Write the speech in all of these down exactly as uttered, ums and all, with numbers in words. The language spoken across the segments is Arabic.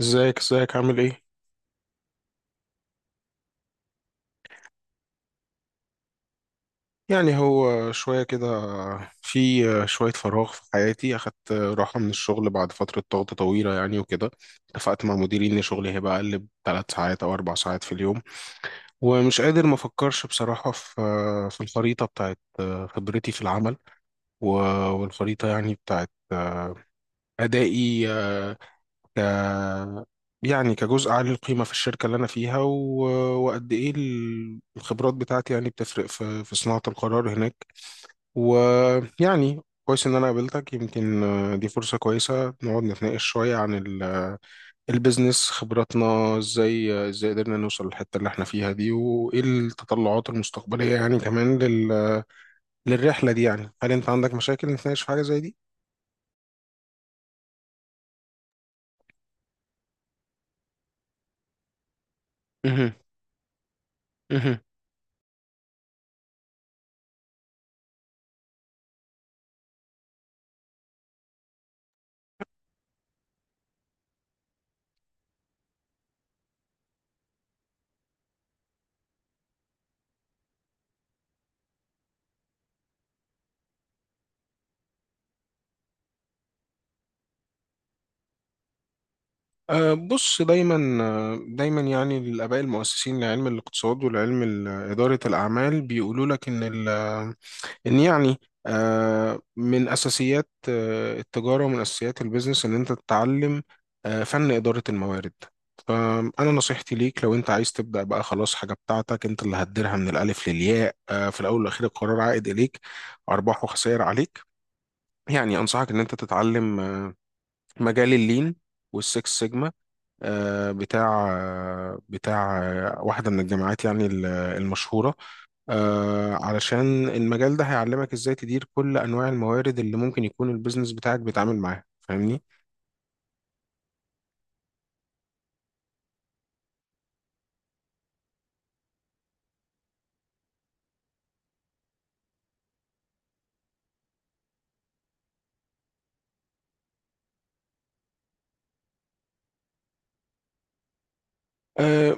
ازيك ازيك عامل ايه؟ يعني هو شوية كده. في شوية فراغ في حياتي، أخدت راحة من الشغل بعد فترة ضغط طويلة يعني وكده. اتفقت مع مديري إن شغلي هيبقى أقل بثلاث ساعات أو أربع ساعات في اليوم. ومش قادر ما أفكرش بصراحة في في الخريطة بتاعت خبرتي في العمل، و- والخريطة يعني بتاعت أدائي، ك يعني كجزء عالي القيمة في الشركة اللي أنا فيها. و... وقد إيه ال- الخبرات بتاعتي يعني بتفرق في... في صناعة القرار هناك. ويعني كويس إن أنا قابلتك، يمكن آه، دي فرصة كويسة نقعد نتناقش شوية عن ال... البيزنس، خبراتنا إزاي إزاي قدرنا نوصل للحتة اللي إحنا فيها دي، وإيه التطلعات المستقبلية يعني كمان لل... للرحلة دي. يعني هل أنت عندك مشاكل نتناقش في حاجة زي دي؟ مهم. مهم. أه، بص دايما. أه، دايما يعني الآباء المؤسسين لعلم الاقتصاد والعلم ال- إدارة الأعمال بيقولوا لك إن ال- إن يعني أه، من أساسيات أه، التجارة، ومن أساسيات البيزنس إن أنت تتعلم أه، فن إدارة الموارد. فأنا نصيحتي ليك، لو أنت عايز تبدأ بقى خلاص حاجة بتاعتك أنت اللي هتديرها من الألف للياء، أه، في الأول والأخير القرار عائد إليك، أرباح وخسائر عليك. يعني أنصحك إن أنت تتعلم أه، مجال اللين والسكس سيجما، آه، بتاع آه، بتاع آه، واحدة من الجامعات يعني ال- المشهورة، آه، علشان المجال ده هيعلمك ازاي تدير كل انواع الموارد اللي ممكن يكون البيزنس بتاعك بيتعامل معاها، فاهمني؟ آه،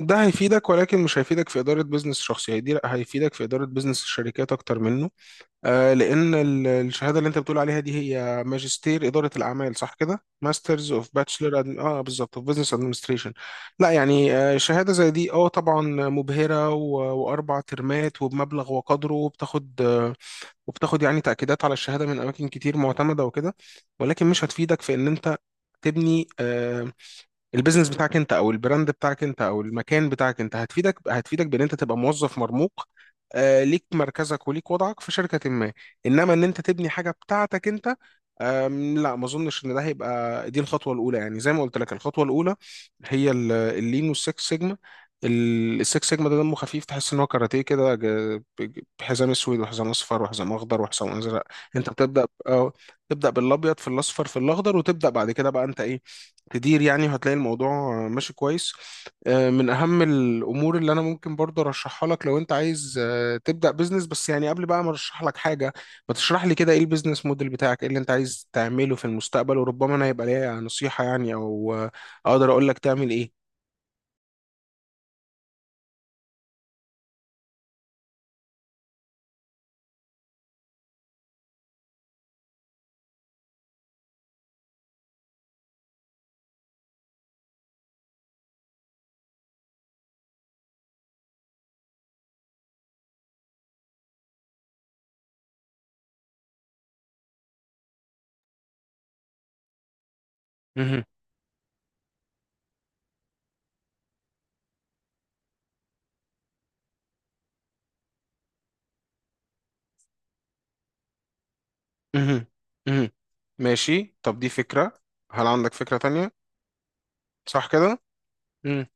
ده هيفيدك، ولكن مش هيفيدك في إدارة بيزنس شخصي، هيدير- هيفيدك في إدارة بيزنس الشركات أكتر منه. آه، لأن ال- الشهادة اللي أنت بتقول عليها دي هي ماجستير إدارة الأعمال، صح كده؟ ماسترز أوف باتشلر أدم... آه بالظبط، أوف بزنس أدمنستريشن. لا يعني آه، شهادة زي دي أه طبعا مبهرة، و- وأربع ترمات وبمبلغ وقدره، وبتاخد آه، وبتاخد يعني تأكيدات على الشهادة من أماكن كتير معتمدة وكده. ولكن مش هتفيدك في إن أنت تبني آه، البيزنس بتاعك انت، او البراند بتاعك انت، او المكان بتاعك انت. هتفيدك، هتفيدك بان انت تبقى موظف مرموق، آه، ليك مركزك وليك وضعك في شركة ما. انما ان انت تبني حاجة بتاعتك انت، آم، لا ما اظنش ان ده هيبقى. دي الخطوة الاولى يعني زي ما قلت لك. الخطوة الاولى هي ال- اللين والسكس سيجما. ال- السكس سيجما ده دمه خفيف، تحس ان هو كاراتيه كده ج- ب- بحزام اسود وحزام اصفر وحزام اخضر وحزام ازرق. انت بتبدا اه، تبدا بالابيض في الاصفر في الاخضر، وتبدا بعد كده بقى انت ايه؟ تدير يعني، وهتلاقي الموضوع ماشي كويس. آه، من اهم الامور اللي انا ممكن برضه ارشحها لك، لو انت عايز آه، تبدا بزنس، بس يعني قبل بقى ما ارشح لك حاجه، ما تشرح لي كده ايه البيزنس موديل بتاعك، ايه اللي انت عايز تعمله في المستقبل؟ وربما انا يبقى ليا نصيحه يعني، او آه، اقدر اقول لك تعمل ايه. مهم. مهم. مهم. ماشي، طب دي فكره. هل عندك فكره تانية؟ صح كده. مم.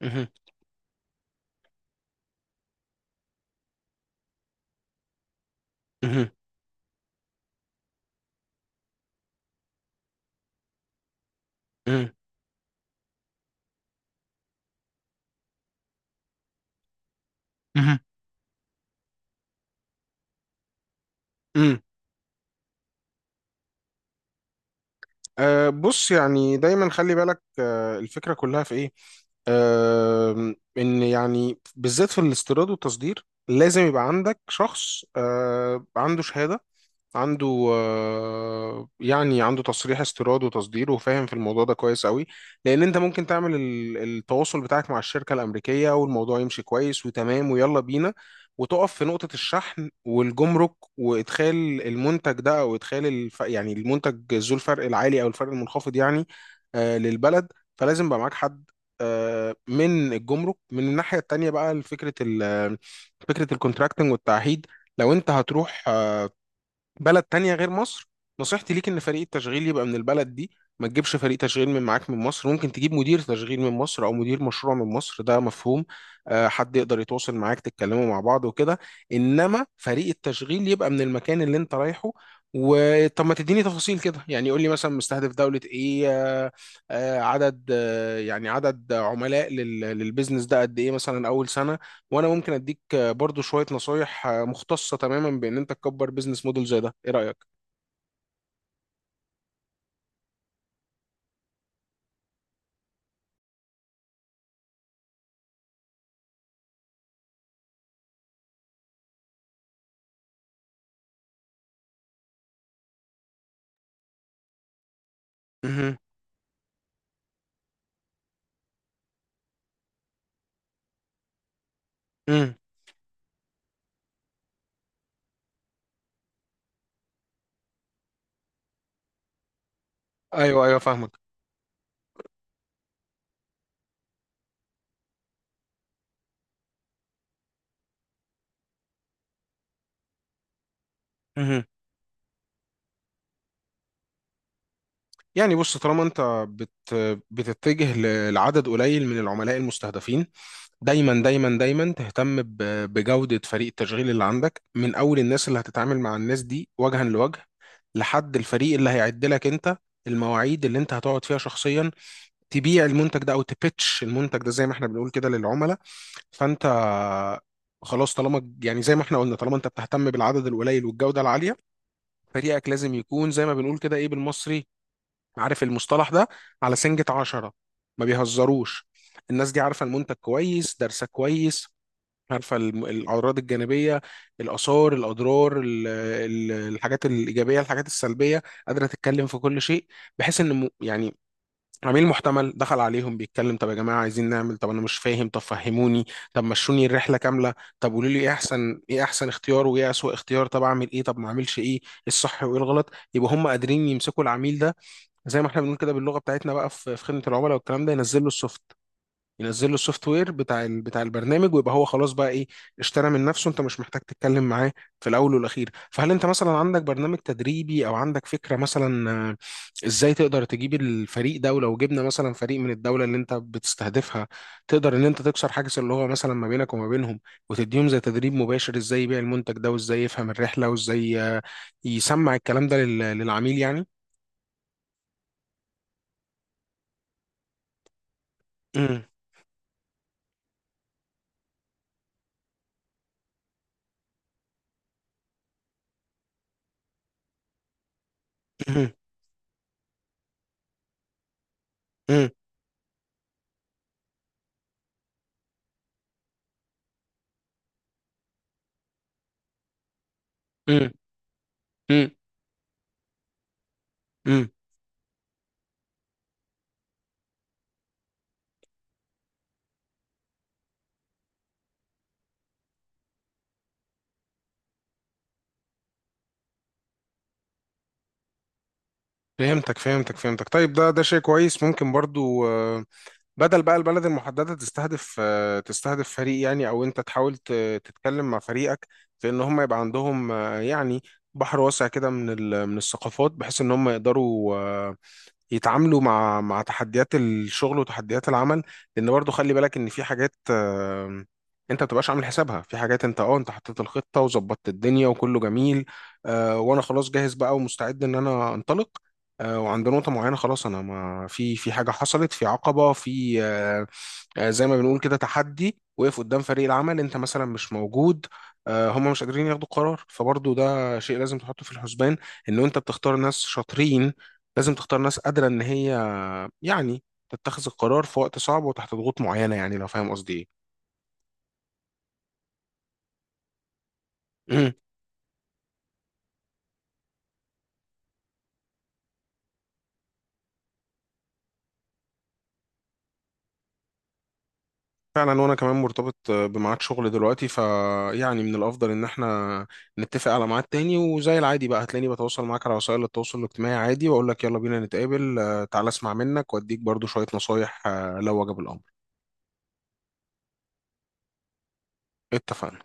مهم. مهم. مهم. مهم. مم. أه بص، يعني دايما خلي بالك أه الفكرة كلها في ايه. آم، ان يعني بالذات في الاستيراد والتصدير لازم يبقى عندك شخص آه، عنده شهادة، عنده آه، يعني عنده تصريح استيراد وتصدير وفاهم في الموضوع ده كويس قوي. لان انت ممكن تعمل ال- التواصل بتاعك مع الشركة الامريكية، والموضوع يمشي كويس وتمام ويلا بينا، وتقف في نقطة الشحن والجمرك، وادخال المنتج ده او ادخال الف... يعني المنتج ذو الفرق العالي او الفرق المنخفض يعني آه، للبلد. فلازم يبقى معاك حد آه، من الجمرك. من الناحية التانية بقى فكرة ال... فكرة الكونتراكتنج والتعهيد. لو انت هتروح آه، بلد تانية غير مصر، نصيحتي ليك ان فريق التشغيل يبقى من البلد دي. ما تجيبش فريق تشغيل من معاك من مصر. ممكن تجيب مدير تشغيل من مصر او مدير مشروع من مصر، ده مفهوم، آه، حد يقدر يتواصل معاك تتكلموا مع بعض وكده. انما فريق التشغيل يبقى من المكان اللي انت رايحه. وطب ما تديني تفاصيل كده يعني، قول لي مثلا مستهدف دولة ايه، آه، آه، عدد آه، يعني عدد عملاء لل- للبيزنس ده قد ايه مثلا اول سنة، وانا ممكن اديك آه، برضو شوية نصايح آه، مختصة تماما بان انت تكبر بيزنس موديل زي ده. ايه رأيك؟ مهم. مم. ايوه ايوه فاهمك. مهم. يعني بص طالما انت بت بتتجه ل- لعدد قليل من العملاء المستهدفين، دايما دايما دايما تهتم ب- بجودة فريق التشغيل اللي عندك، من اول الناس اللي هتتعامل مع الناس دي وجها لوجه، لحد الفريق اللي هيعد لك انت المواعيد اللي انت هتقعد فيها شخصيا تبيع المنتج ده، او تبيتش المنتج ده زي ما احنا بنقول كده للعملاء. فانت خلاص، طالما يعني زي ما احنا قلنا، طالما انت بتهتم بالعدد القليل والجودة العالية، فريقك لازم يكون زي ما بنقول كده ايه بالمصري، عارف المصطلح ده؟ على سنجة عشرة، ما بيهزروش. الناس دي عارفة المنتج كويس، دارسة كويس، عارفة الم- الأعراض الجانبية، الآثار، الأضرار، ال- ال- الحاجات الإيجابية، الحاجات السلبية، قادرة تتكلم في كل شيء. بحيث إن م- يعني عميل محتمل دخل عليهم بيتكلم: طب يا جماعه عايزين نعمل، طب انا مش فاهم طب فهموني، طب مشوني الرحله كامله، طب قولوا لي ايه احسن، ايه احسن اختيار وايه اسوأ اختيار، طب اعمل ايه طب ما اعملش ايه، إيه الصح وايه الغلط. يبقى هم قادرين يمسكوا العميل ده، زي ما احنا بنقول كده باللغه بتاعتنا بقى في في خدمه العملاء والكلام ده، ينزل له السوفت، ينزل له السوفت وير بتاع ال- بتاع البرنامج، ويبقى هو خلاص بقى ايه؟ اشترى من نفسه، انت مش محتاج تتكلم معاه. في الاول والاخير، فهل انت مثلا عندك برنامج تدريبي او عندك فكره مثلا آه، ازاي تقدر تجيب الفريق ده؟ ولو جبنا مثلا فريق من الدوله اللي انت بتستهدفها، تقدر ان انت تكسر حاجز اللي هو مثلا ما بينك وما بينهم، وتديهم زي تدريب مباشر ازاي يبيع المنتج ده، وازاي يفهم الرحله، وازاي آه، يسمع الكلام ده لل- للعميل يعني. امم، امم، امم، امم، فهمتك فهمتك فهمتك. طيب ده ده شيء كويس، ممكن برضو آه، بدل بقى البلد المحددة، تستهدف آه، تستهدف فريق يعني، او انت تحاول ت- تتكلم مع فريقك في ان هم يبقى عندهم آه، يعني بحر واسع كده من ال- من الثقافات، بحيث ان هم يقدروا آه، يتعاملوا مع مع تحديات الشغل وتحديات العمل. لان برضو خلي بالك ان في حاجات آه، انت ما بتبقاش عامل حسابها، في حاجات انت اه انت حطيت الخطه وظبطت الدنيا وكله جميل. آه، وانا خلاص جاهز بقى ومستعد ان انا انطلق، آه، وعند نقطه معينه خلاص انا ما في في حاجه حصلت، في عقبه في آه، آه، زي ما بنقول كده تحدي، وقف قدام فريق العمل. انت مثلا مش موجود، آه، هم مش قادرين ياخدوا قرار، فبرضو ده شيء لازم تحطه في الحسبان. ان انت بتختار ناس شاطرين، لازم تختار ناس قادرة إن هي يعني تتخذ القرار في وقت صعب وتحت ضغوط معينة، يعني لو فاهم قصدي. إيه مم. فعلا، وأنا كمان مرتبط بميعاد شغل دلوقتي، فيعني من الأفضل إن إحنا نتفق على ميعاد تاني، وزي العادي بقى هتلاقيني بتواصل معاك على وسائل التواصل الاجتماعي عادي، وأقول لك يلا بينا نتقابل، آه، تعالى أسمع منك وأديك برضو شوية نصايح آه، لو وجب الأمر. اتفقنا.